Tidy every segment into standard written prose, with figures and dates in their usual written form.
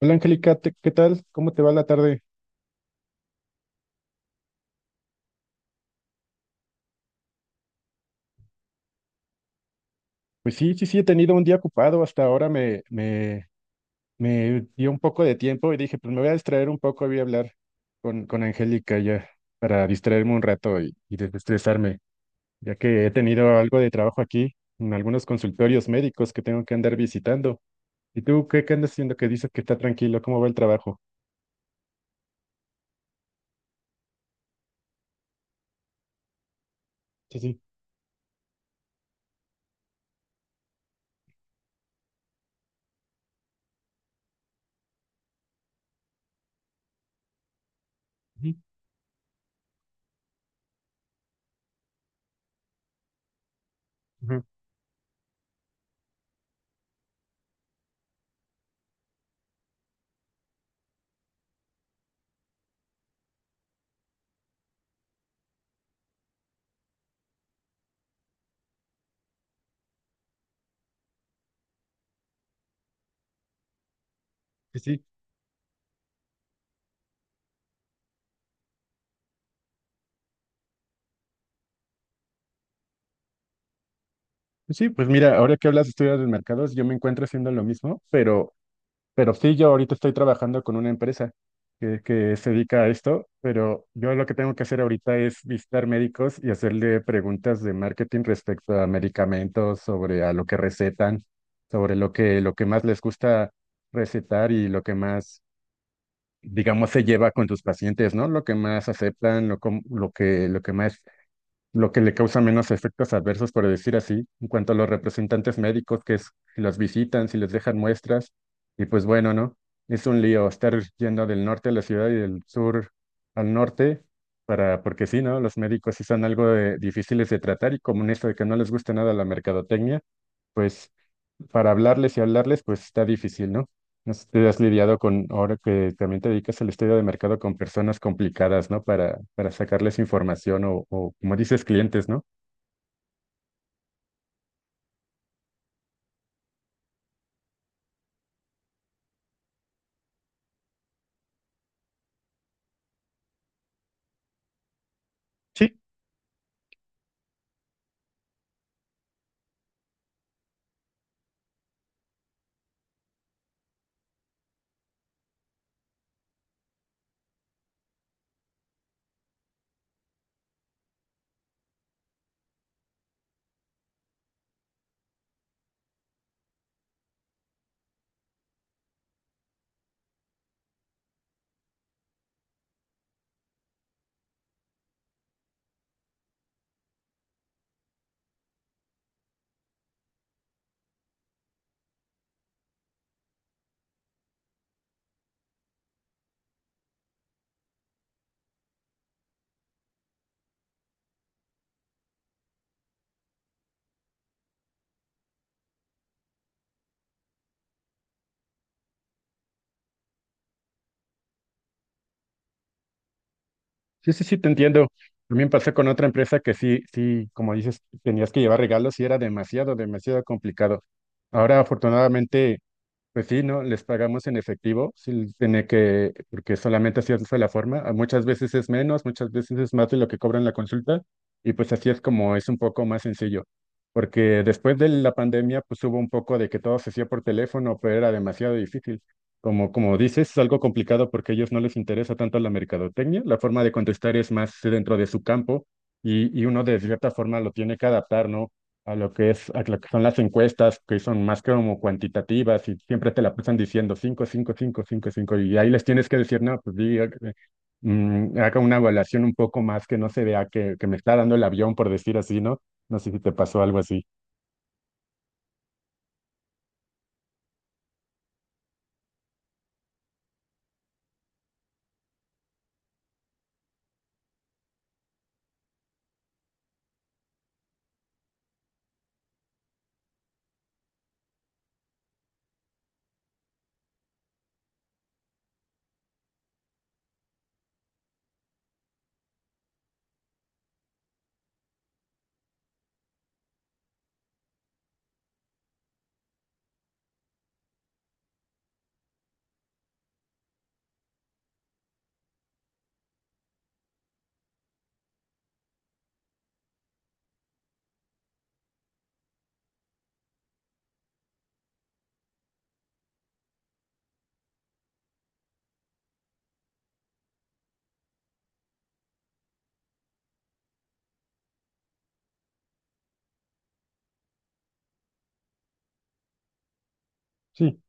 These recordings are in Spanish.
Hola Angélica, ¿qué tal? ¿Cómo te va la tarde? Pues sí, sí, sí, he tenido un día ocupado, hasta ahora me dio un poco de tiempo y dije, pues me voy a distraer un poco, voy a hablar con Angélica ya para distraerme un rato y desestresarme, ya que he tenido algo de trabajo aquí en algunos consultorios médicos que tengo que andar visitando. ¿Y tú qué andas haciendo? Que dices que está tranquilo, ¿cómo va el trabajo? Sí, sí. Ujú, ujú. Sí, sí. Pues sí, pues mira, ahora que hablas de estudios del mercados, yo me encuentro haciendo lo mismo, pero sí, yo ahorita estoy trabajando con una empresa que se dedica a esto, pero yo lo que tengo que hacer ahorita es visitar médicos y hacerle preguntas de marketing respecto a medicamentos, sobre a lo que recetan, sobre lo que más les gusta recetar y lo que más, digamos, se lleva con tus pacientes, ¿no? Lo que más aceptan, lo, com- lo que más lo que le causa menos efectos adversos, por decir así, en cuanto a los representantes médicos que es, si los visitan, si les dejan muestras, y pues bueno, ¿no? Es un lío estar yendo del norte a la ciudad y del sur al norte, porque sí, ¿no? Los médicos sí son algo difíciles de tratar y como en esto de que no les gusta nada la mercadotecnia, pues para hablarles y hablarles, pues está difícil, ¿no? No sé si te has lidiado con, ahora que también te dedicas al estudio de mercado, con personas complicadas, ¿no? Para sacarles información o, como dices, clientes, ¿no? Sí, sí, sí, sí, te entiendo. También pasé con otra empresa que sí, sí, como dices, tenías que llevar regalos y era demasiado, demasiado complicado. Ahora, afortunadamente. Pues sí, ¿no? Les pagamos en efectivo, sí, tiene que, porque solamente así es la forma. A Muchas veces es menos, muchas veces es más de lo que cobran la consulta, y pues así es como es un poco más sencillo. Porque después de la pandemia, pues hubo un poco de que todo se hacía por teléfono, pero era demasiado difícil. Como, como dices, es algo complicado porque a ellos no les interesa tanto la mercadotecnia. La forma de contestar es más dentro de su campo, y uno de cierta forma lo tiene que adaptar, ¿no? A lo que es, a lo que son las encuestas, que son más que como cuantitativas y siempre te la pasan diciendo 5 5 5 5 5 y ahí les tienes que decir, no, pues diga, haga una evaluación un poco más que no se vea que me está dando el avión, por decir así, ¿no? No sé si te pasó algo así. Sí,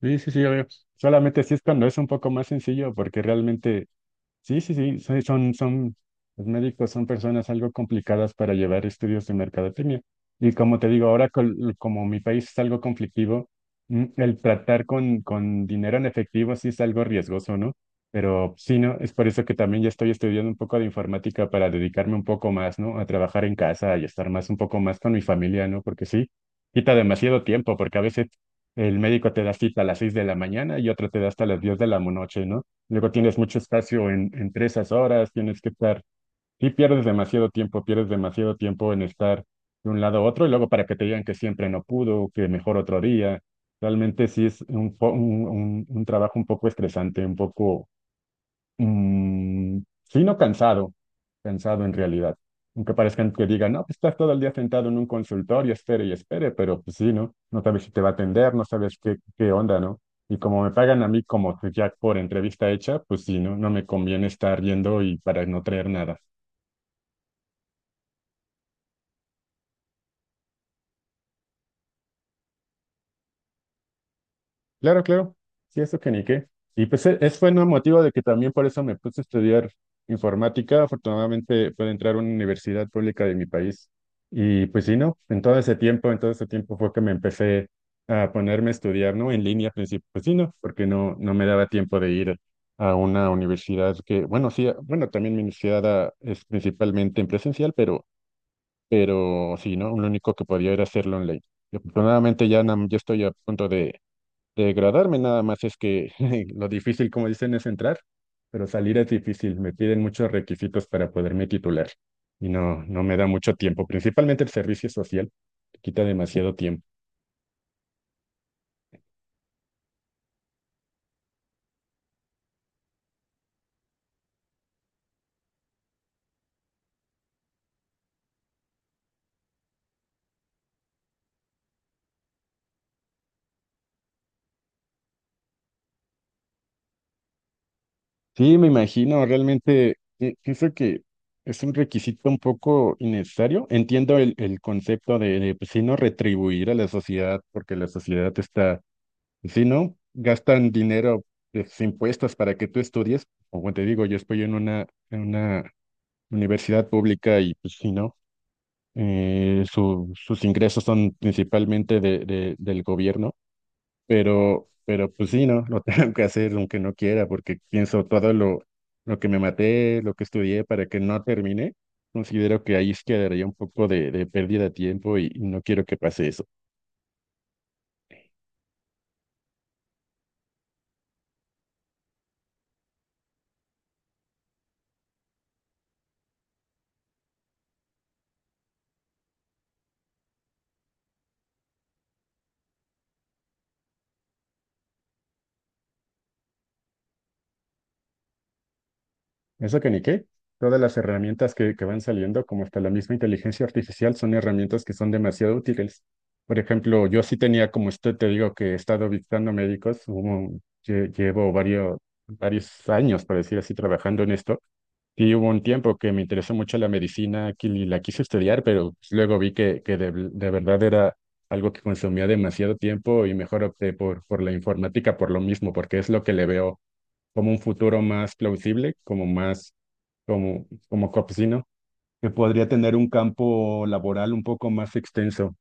sí, sí, sí, ya veo. Solamente sí es cuando es un poco más sencillo, porque realmente sí, sí, sí, los médicos son personas algo complicadas para llevar estudios de mercadotecnia. Y como te digo, ahora como mi país es algo conflictivo, el tratar con dinero en efectivo sí es algo riesgoso, ¿no? Pero sí, ¿no? Es por eso que también ya estoy estudiando un poco de informática para dedicarme un poco más, ¿no? A trabajar en casa y estar más, un poco más con mi familia, ¿no? Porque sí, quita demasiado tiempo, porque a veces el médico te da cita a las 6 de la mañana y otro te da hasta las 10 de la noche, ¿no? Luego tienes mucho espacio entre esas horas, tienes que estar, sí pierdes demasiado tiempo en estar de un lado a otro y luego para que te digan que siempre no pudo, que mejor otro día. Realmente sí es un trabajo un poco estresante, un poco. Sí, no cansado, cansado en realidad. Aunque parezcan que digan, no, pues estás todo el día sentado en un consultorio, espere y espere, pero pues sí, ¿no? No sabes si te va a atender, no sabes qué onda, ¿no? Y como me pagan a mí como que ya por entrevista hecha, pues sí, ¿no? No me conviene estar yendo y para no traer nada. Claro, claro. Sí, eso que ni qué. Y pues es fue un motivo de que también por eso me puse a estudiar informática. Afortunadamente pude entrar a una universidad pública de mi país. Y pues sí, ¿no? En todo ese tiempo, en todo ese tiempo fue que me empecé a ponerme a estudiar, ¿no? En línea, al principio. Pues sí, ¿no? Porque no me daba tiempo de ir a una universidad que, bueno, sí, bueno, también mi universidad ah, es principalmente en presencial, pero sí, ¿no? Lo único que podía era hacerlo online. Y afortunadamente ya, ya estoy a punto de degradarme, nada más es que lo difícil, como dicen, es entrar, pero salir es difícil. Me piden muchos requisitos para poderme titular y no me da mucho tiempo. Principalmente el servicio social te quita demasiado tiempo. Sí, me imagino, realmente pienso que es un requisito un poco innecesario. Entiendo el concepto de pues, sí, no retribuir a la sociedad porque la sociedad está, si no, gastan dinero, pues, impuestos para que tú estudies. Como te digo, yo estoy en una universidad pública y pues sí, ¿no? Sus ingresos son principalmente del gobierno, pero pues sí, ¿no? Lo tengo que hacer aunque no quiera, porque pienso todo lo que me maté, lo que estudié para que no termine, considero que ahí es quedaría un poco de pérdida de tiempo y no quiero que pase eso. Eso que ni qué. Todas las herramientas que van saliendo, como hasta la misma inteligencia artificial, son herramientas que son demasiado útiles. Por ejemplo, yo sí tenía, como usted te digo, que he estado visitando médicos, llevo varios, varios años, por decir así, trabajando en esto. Y hubo un tiempo que me interesó mucho la medicina que y la quise estudiar, pero pues, luego vi que de verdad era algo que consumía demasiado tiempo y mejor opté por la informática por lo mismo, porque es lo que le veo como un futuro más plausible, como más, como, como campesino, que podría tener un campo laboral un poco más extenso.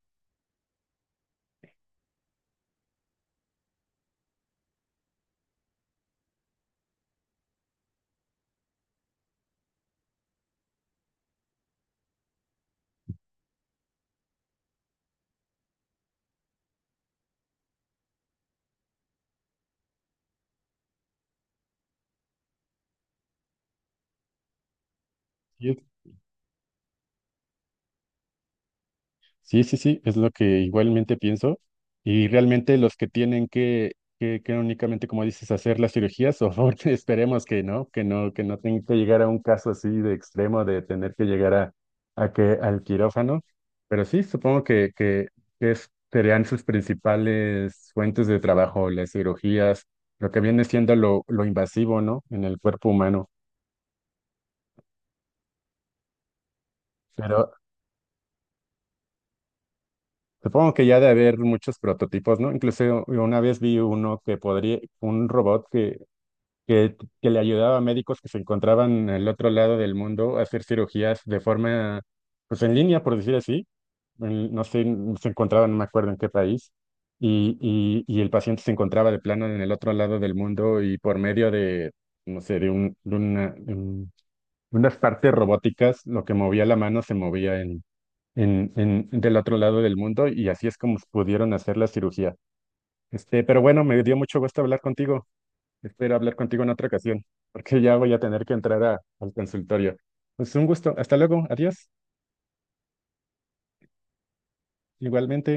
Sí, sí, sí, es lo que igualmente pienso. Y realmente los que tienen que únicamente, como dices, hacer las cirugías, o esperemos que no, que no, que no tenga que llegar a un caso así de extremo de tener que llegar al quirófano. Pero sí, supongo serían sus principales fuentes de trabajo, las cirugías, lo que viene siendo lo invasivo, ¿no? En el cuerpo humano. Pero Supongo que ya de haber muchos prototipos, ¿no? Incluso una vez vi uno que podría, un robot que, que le ayudaba a médicos que se encontraban al otro lado del mundo a hacer cirugías de forma, pues en línea, por decir así. No sé, se encontraban, no me acuerdo en qué país. Y, y el paciente se encontraba de plano en el otro lado del mundo y por medio de, no sé, de, un, de, una, de un- unas partes robóticas, lo que movía la mano se movía del otro lado del mundo y así es como pudieron hacer la cirugía. Pero bueno, me dio mucho gusto hablar contigo. Espero hablar contigo en otra ocasión, porque ya voy a tener que entrar al consultorio. Pues un gusto. Hasta luego. Adiós. Igualmente.